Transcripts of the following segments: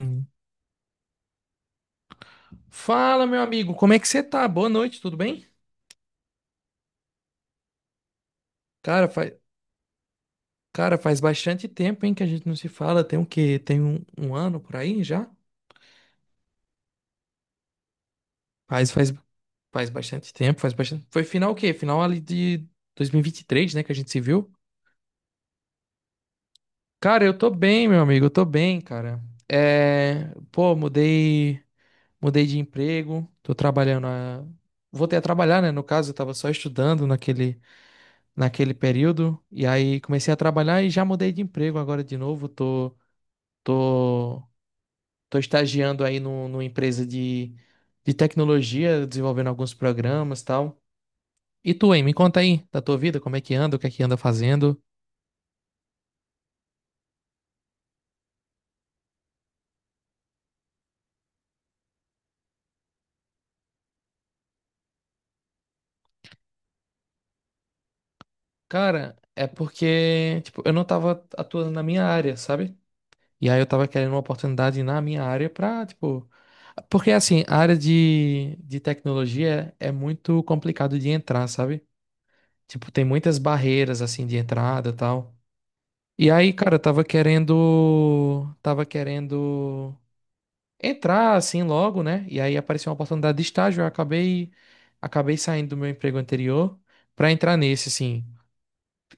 Hum. Fala, meu amigo, como é que você tá? Boa noite, tudo bem? Cara, faz, Cara, faz bastante tempo, hein, que a gente não se fala. Tem o quê? Tem um ano por aí já? Faz, faz, Faz bastante tempo, faz bastante. Foi final o quê? Final ali de dois mil e vinte e três, né, que a gente se viu? Cara, eu tô bem, meu amigo, eu tô bem, cara. É, pô, mudei de emprego, voltei a trabalhar, né? No caso, eu tava só estudando naquele período. E aí comecei a trabalhar e já mudei de emprego agora de novo. Tô, Tô estagiando aí no, numa empresa de tecnologia, desenvolvendo alguns programas e tal. E tu, hein? Me conta aí da tua vida, como é que anda, o que é que anda fazendo. Cara, é porque, tipo, eu não tava atuando na minha área, sabe? E aí eu tava querendo uma oportunidade na minha área pra, tipo... Porque, assim, a área de tecnologia é muito complicado de entrar, sabe? Tipo, tem muitas barreiras assim de entrada e tal. E aí, cara, tava querendo entrar assim logo, né? E aí apareceu uma oportunidade de estágio, eu acabei acabei saindo do meu emprego anterior pra entrar nesse assim.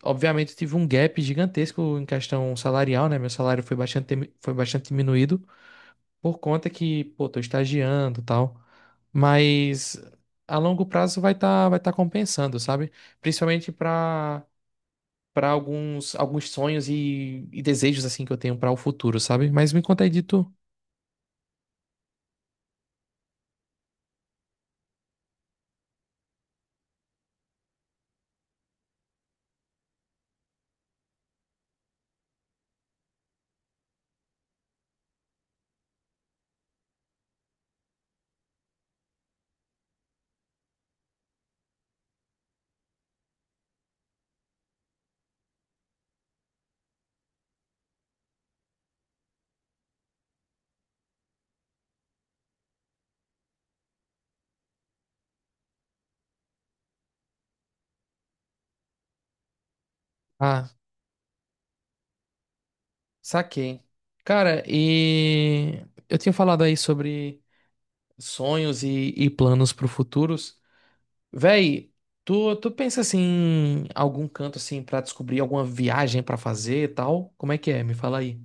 Obviamente eu tive um gap gigantesco em questão salarial, né? Meu salário foi bastante diminuído por conta que, pô, tô estagiando, e tal. Mas a longo prazo vai tá compensando, sabe? Principalmente para alguns sonhos e desejos assim que eu tenho para o futuro, sabe? Mas me conta aí de tu. Ah, saquei. Cara, e eu tinha falado aí sobre sonhos e planos pro futuros. Véi, tu pensa assim em algum canto assim para descobrir alguma viagem para fazer e tal? Como é que é? Me fala aí.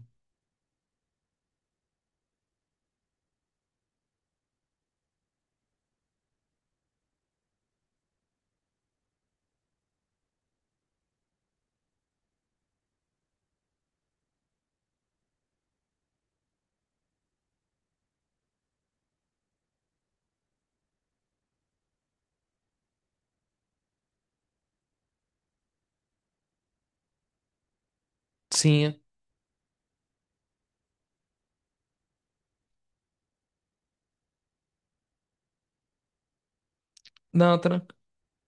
Sim. Não,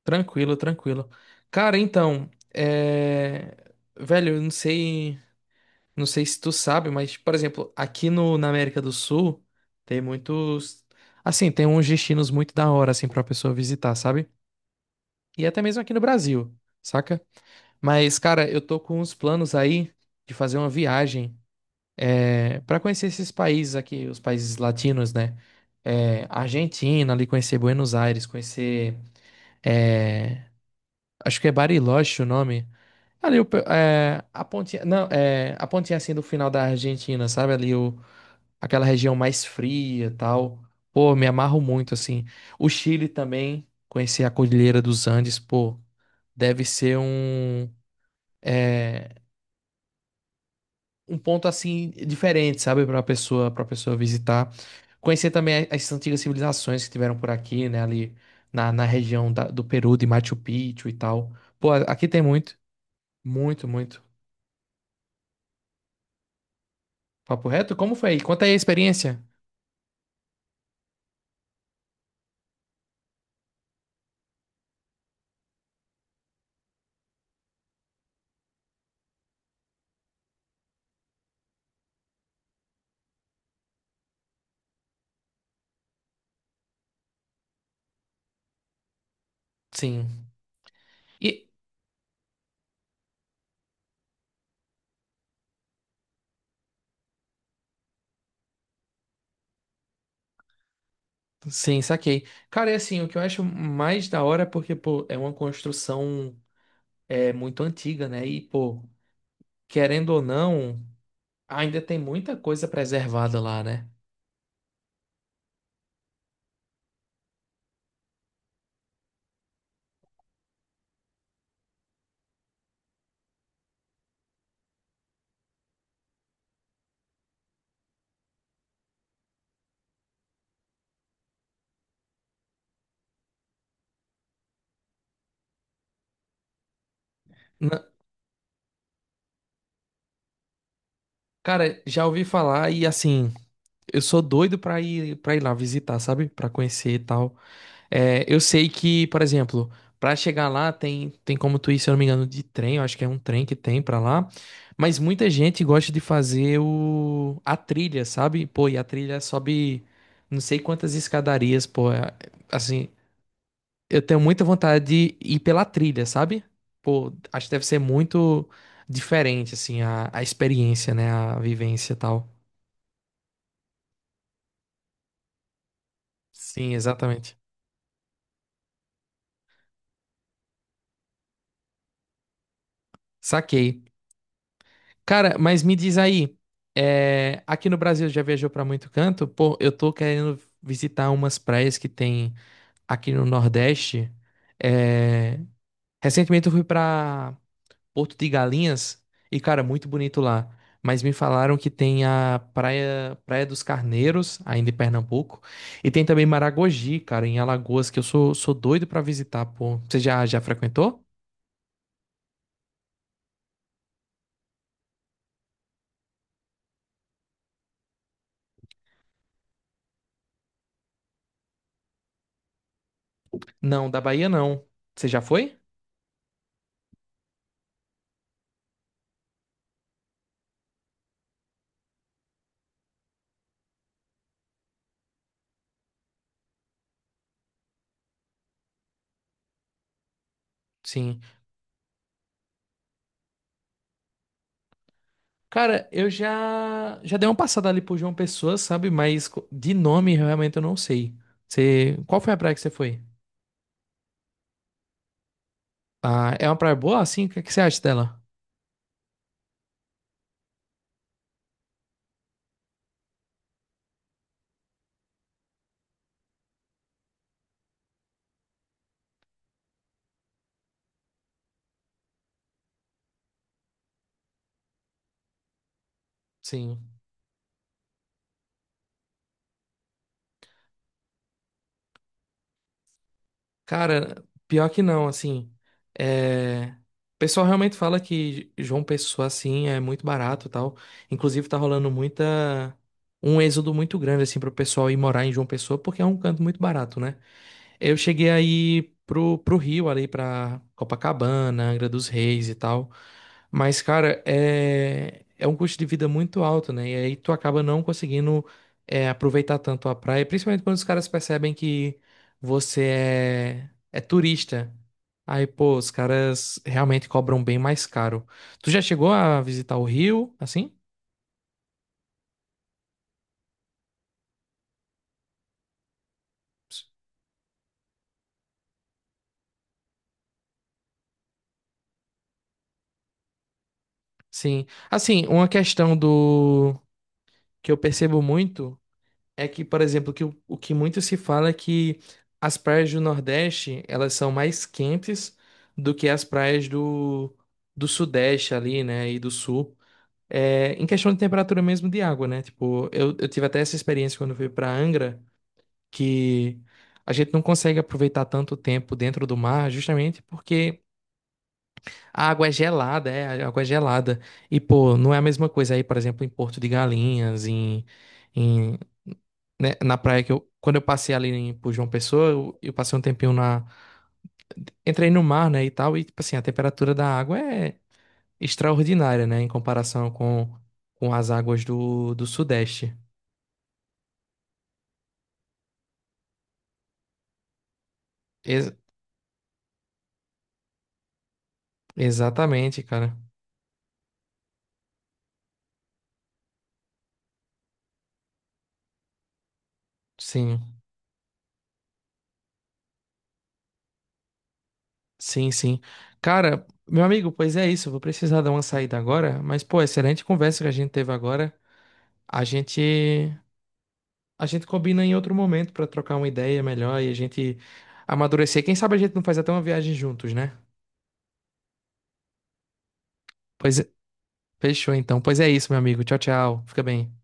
tranquilo, tranquilo. Cara, então, é... Velho, eu não sei, não sei se tu sabe, mas, por exemplo, aqui no, na América do Sul tem muitos, assim, tem uns destinos muito da hora, assim, pra pessoa visitar, sabe? E até mesmo aqui no Brasil, saca? Mas, cara, eu tô com uns planos aí de fazer uma viagem, para conhecer esses países aqui, os países latinos, né? Argentina, ali conhecer Buenos Aires, eh, acho que é Bariloche o nome. Ali o, é a pontinha, não, é a pontinha assim do final da Argentina, sabe? Ali o, aquela região mais fria, e tal. Pô, me amarro muito assim. O Chile também, conhecer a Cordilheira dos Andes, pô, deve ser é, um ponto assim diferente, sabe, para pessoa visitar. Conhecer também as antigas civilizações que tiveram por aqui, né, ali na região do Peru, de Machu Picchu e tal. Pô, aqui tem muito, muito, muito. Papo reto? Como foi? Conta aí a experiência. Sim. E sim, saquei. Cara, é assim, o que eu acho mais da hora é porque, pô, é uma construção, é muito antiga, né? E, pô, querendo ou não, ainda tem muita coisa preservada lá, né? Na- Cara, já ouvi falar e assim, eu sou doido pra ir para ir lá visitar, sabe? Pra conhecer e tal. É, eu sei que, por exemplo, pra chegar lá tem, tem como tu ir, se eu não me engano, de trem, eu acho que é um trem que tem pra lá. Mas muita gente gosta de fazer o a trilha, sabe? Pô, e a trilha sobe não sei quantas escadarias, Assim, eu tenho muita vontade de ir pela trilha, sabe? Pô, acho que deve ser muito diferente, assim, a experiência, né? A vivência e tal. Sim, exatamente. Saquei. Cara, mas me diz aí, é, aqui no Brasil já viajou pra muito canto? Pô, eu tô querendo visitar umas praias que tem aqui no Nordeste. É, recentemente eu fui pra Porto de Galinhas e, cara, muito bonito lá. Mas me falaram que tem a praia, Praia dos Carneiros, ainda em Pernambuco, e tem também Maragogi, cara, em Alagoas, que sou doido pra visitar, pô. Você já frequentou? Não, da Bahia não. Você já foi? Sim. Cara, eu já já dei uma passada ali por João Pessoa, sabe? Mas de nome realmente eu não sei. Você, qual foi a praia que você foi? Ah, é uma praia boa assim? O que que você acha dela? Sim. Cara, pior que não, assim. É... O pessoal realmente fala que João Pessoa assim é muito barato e tal. Inclusive tá rolando muita um êxodo muito grande assim pro pessoal ir morar em João Pessoa porque é um canto muito barato, né? Eu cheguei aí pro Rio, ali pra Copacabana, Angra dos Reis e tal. Mas, cara, é um custo de vida muito alto, né? E aí tu acaba não conseguindo aproveitar tanto a praia, principalmente quando os caras percebem que você é turista. Aí, pô, os caras realmente cobram bem mais caro. Tu já chegou a visitar o Rio, assim? Sim. Assim, uma questão do que eu percebo muito. É que, por exemplo, que o que muito se fala é que as praias do Nordeste, elas são mais quentes do que as praias do Sudeste ali, né, e do Sul. É, em questão de temperatura mesmo de água, né? Tipo, eu tive até essa experiência quando eu fui para Angra, que a gente não consegue aproveitar tanto tempo dentro do mar, justamente porque a água é gelada, é, a água é gelada. E, pô, não é a mesma coisa aí, por exemplo, em Porto de Galinhas, em, né, na praia que eu, quando eu passei ali em, por João Pessoa, eu passei um tempinho entrei no mar, né, e tal, e tipo assim, a temperatura da água é extraordinária, né, em comparação com as águas do Sudeste. Ex- Exatamente, cara. Sim, sim, sim. Cara, meu amigo, pois é isso, eu vou precisar dar uma saída agora, mas pô, excelente conversa que a gente teve agora. A gente a gente combina em outro momento pra trocar uma ideia melhor e a gente amadurecer. Quem sabe a gente não faz até uma viagem juntos, né? Pois é, fechou então. Pois é isso, meu amigo. Tchau, tchau. Fica bem.